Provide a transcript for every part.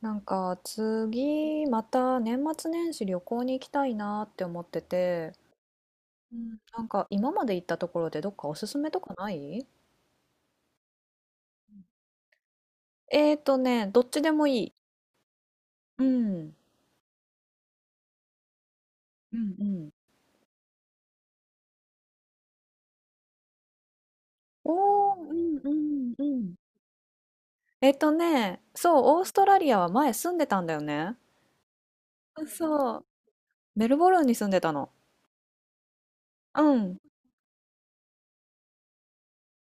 なんか次また年末年始旅行に行きたいなって思ってて、うん、なんか今まで行ったところでどっかおすすめとかない？どっちでもいい。うん。うん、うん。おー、うんうんうん。そう、オーストラリアは前住んでたんだよね。うん、そう、メルボルンに住んでたの。うん、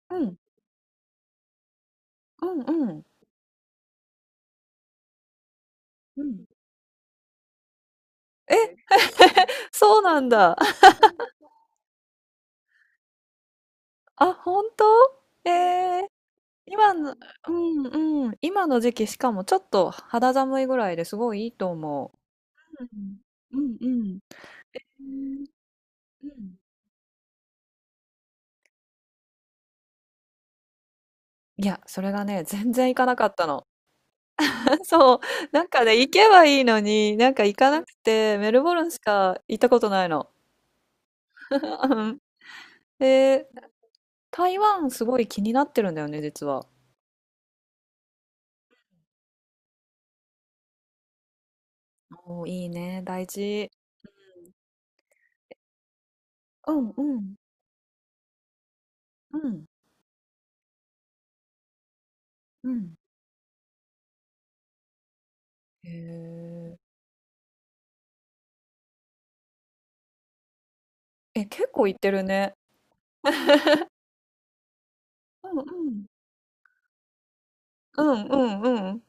うん、うん、うん。うん、え、そうなんだ。あ、本当？えー、今の、うんうん、今の時期しかもちょっと肌寒いぐらいですごいいいと思う。うん、うんうん。うん。いや、それがね、全然行かなかったの。そう、なんかね、行けばいいのに、なんか行かなくて、メルボルンしか行ったことないの。うん。で、台湾すごい気になってるんだよね、実は。おー、いいね、大事。うんうんうんうん。へえ。え、結構行ってるね。うんうん。うんうんうん。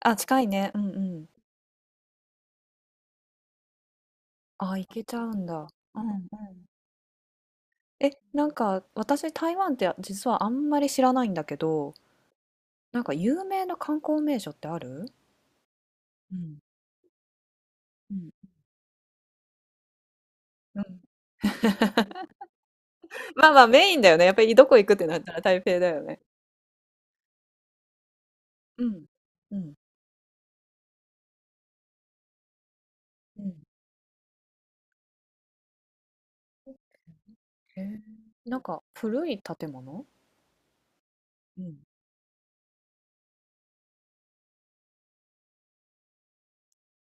あ、近いね。うんうん。あ、行けちゃうんだ。うんうん。え、なんか私台湾って実はあんまり知らないんだけど、なんか有名な観光名所ってある？うん。うん。うん。まあまあメインだよね。やっぱりどこ行くってなったら台北だよね。うん。うん。うん。へえ。なんか古い建物。うん。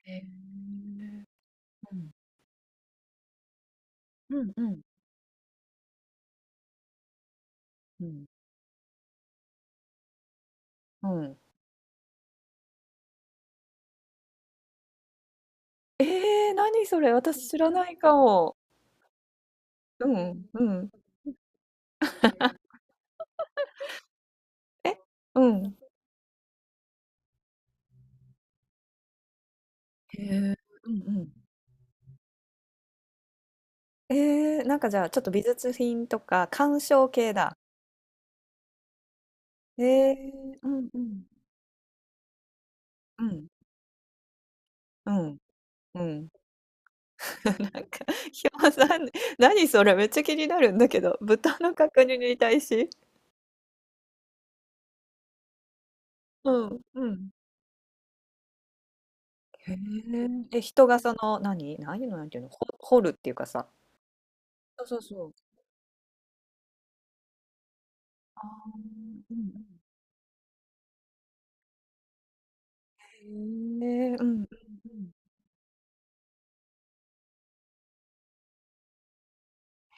へえ。うん。うんうんうん。うん。えー、何それ私知らないかも。うんうん。え、うん。へえ、うんうん。えー、なんかじゃあちょっと美術品とか鑑賞系だ。えー、うんうん。うん。うん。うん。なんか、ひよさん、何それめっちゃ気になるんだけど、豚の角煮に対し。うん。うん。へえ。え、人がその、何何の、なんていうのほ掘るっていうかさ。そうそうそう。あー、うんうん。へえ、うんうんうん。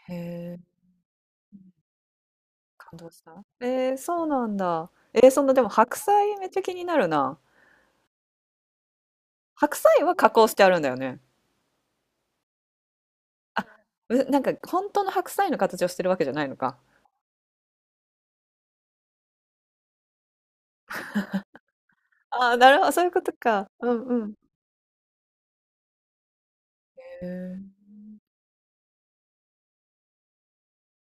へえ、感動した。えー、そうなんだ。えー、そのでも白菜めっちゃ気になるな。白菜は加工してあるんだよね。あ、う、なんか本当の白菜の形をしてるわけじゃないのか。ああ、なるほど、そういうことか。うんうん。へえ。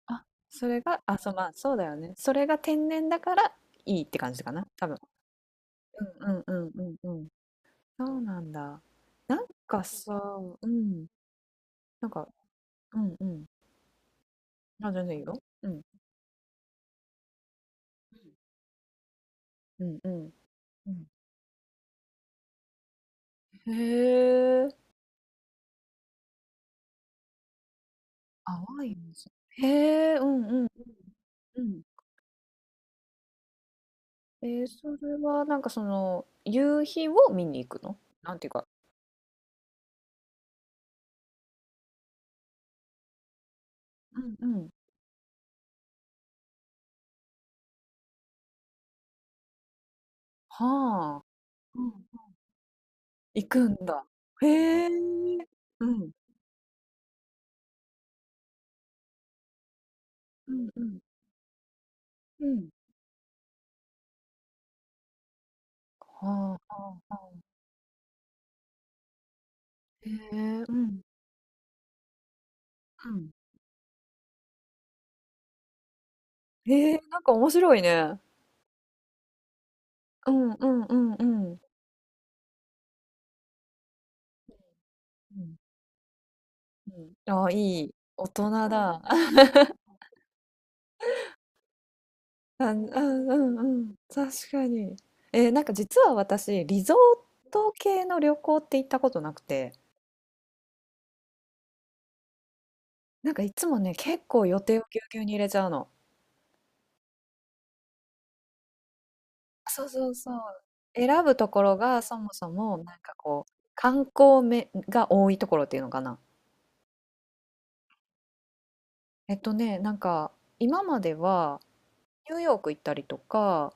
あ、それが、あ、そう、まあ、そうだよね。それが天然だからいいって感じかな、多分。うんうんうんうんうん。そうなんだ。なんかさ、うん、なんか、うんうん。あ、全然いいよ。うん。うんうん。うん。へえ。淡い水。へえ、うんうん。うんうん。えー、それはなんかその、夕日を見に行くの？なんていうか、うんうん。はあ。うん、行くんだ。へえ。うん。うんうん。うん。はあはあはあ。へえ、うん。うん。へえ、なんか面白いね。うんうんうんうん。うん。うん。ああ、いい、大人だ。あ、うんうんうん。確かに。ええ、なんか実は私、リゾート系の旅行って行ったことなくて、なんかいつもね、結構予定をぎゅうぎゅうに入れちゃうの。そうそうそう。選ぶところがそもそもなんかこう観光めが多いところっていうのかな。なんか今まではニューヨーク行ったりとか、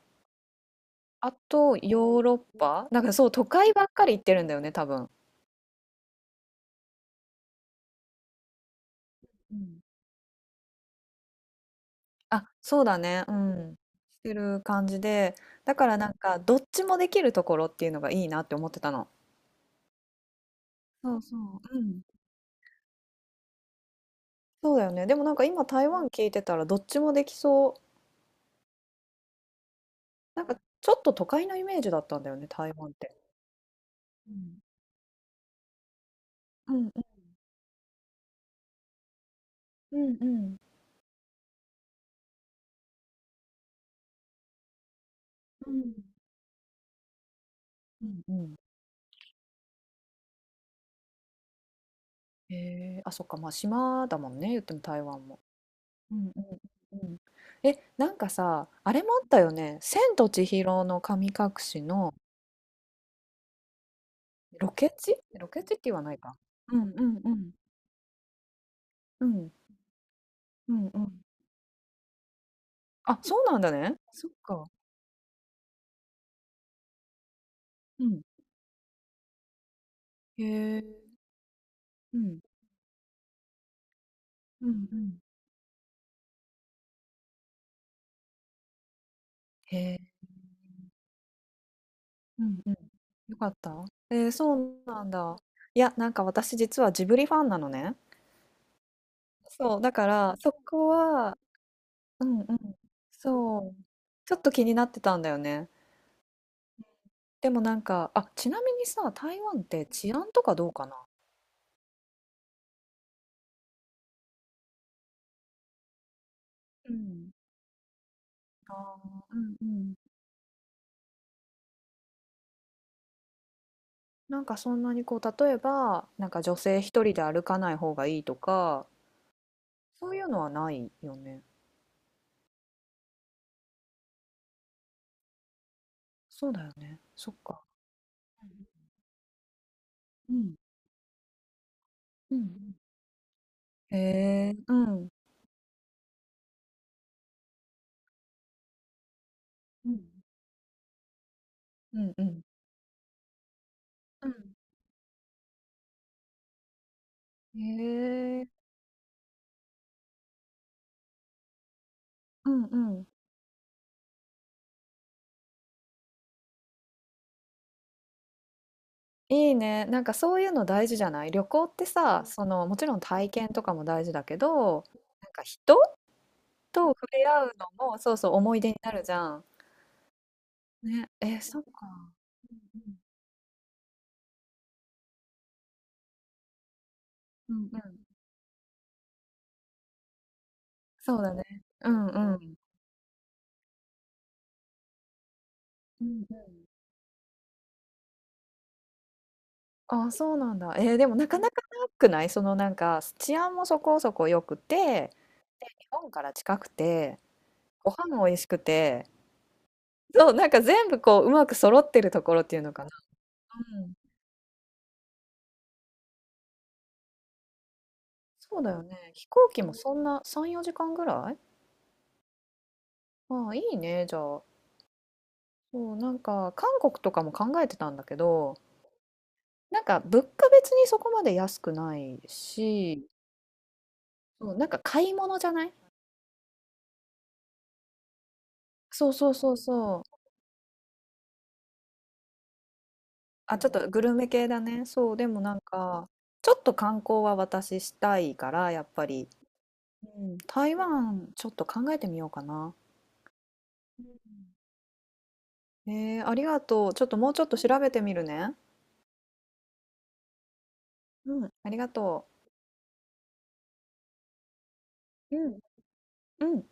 あとヨーロッパ、なんかそう都会ばっかり行ってるんだよね、多分。うん。あ、そうだね、うん。してる感じで、だからなんかどっちもできるところっていうのがいいなって思ってたの。そうそう、うん。そうだよね。でもなんか今台湾聞いてたらどっちもできそう。なんかちょっと都会のイメージだったんだよね、台湾って。うん。うんうんうん。うんうんうん。へえ、あ、そっか、まあ島だもんね、言っても台湾も。うんうんうん。え、なんかさ、あれもあったよね。千と千尋の神隠しのロケ地、って言わないか。うんうんうん。うんうんうん。あ、そうなんだね。そっか。うん。へえ。うん。うんうん。へえ。うんうん。よかった？えー、そうなんだ。いや、なんか私実はジブリファンなのね。そう、だからそこは、うんうん。そう。ちょっと気になってたんだよね。でもなんか、あ、ちなみにさ、台湾って治安とかどうかな？うん。あー、うんうん。なんかそんなにこう、例えば、なんか女性一人で歩かない方がいいとか、そういうのはないよね。そうだよね。そっか。うん。うんうん。へえ、うん。うん。うんうん。うん。へえ。うんうん。いいね。なんかそういうの大事じゃない、旅行ってさ、その、もちろん体験とかも大事だけど、なんか人と触れ合うのも、そうそう、思い出になるじゃん。ね。え、そっか。うんうん。うん。そうだね。うんうん。うんうん、あ、そうなんだ。えー、でもなかなかなくない、そのなんか治安もそこそこ良くて、日本から近くて、ご飯も美味しくて、そう、なんか全部こう、うまく揃ってるところっていうのかな。うん。そうだよね。飛行機もそんな3、4時間ぐらい。ああ、いいね、じゃあ。そう、なんか韓国とかも考えてたんだけど、なんか物価別にそこまで安くないし、そう、なんか買い物じゃない、そうそうそうそう。あ、ちょっとグルメ系だね。そう、でもなんか、ちょっと観光は私したいから、やっぱり。うん、台湾ちょっと考えてみようかな。うん、えー、ありがとう。ちょっともうちょっと調べてみるね。うん、ありがとう。うん、うん。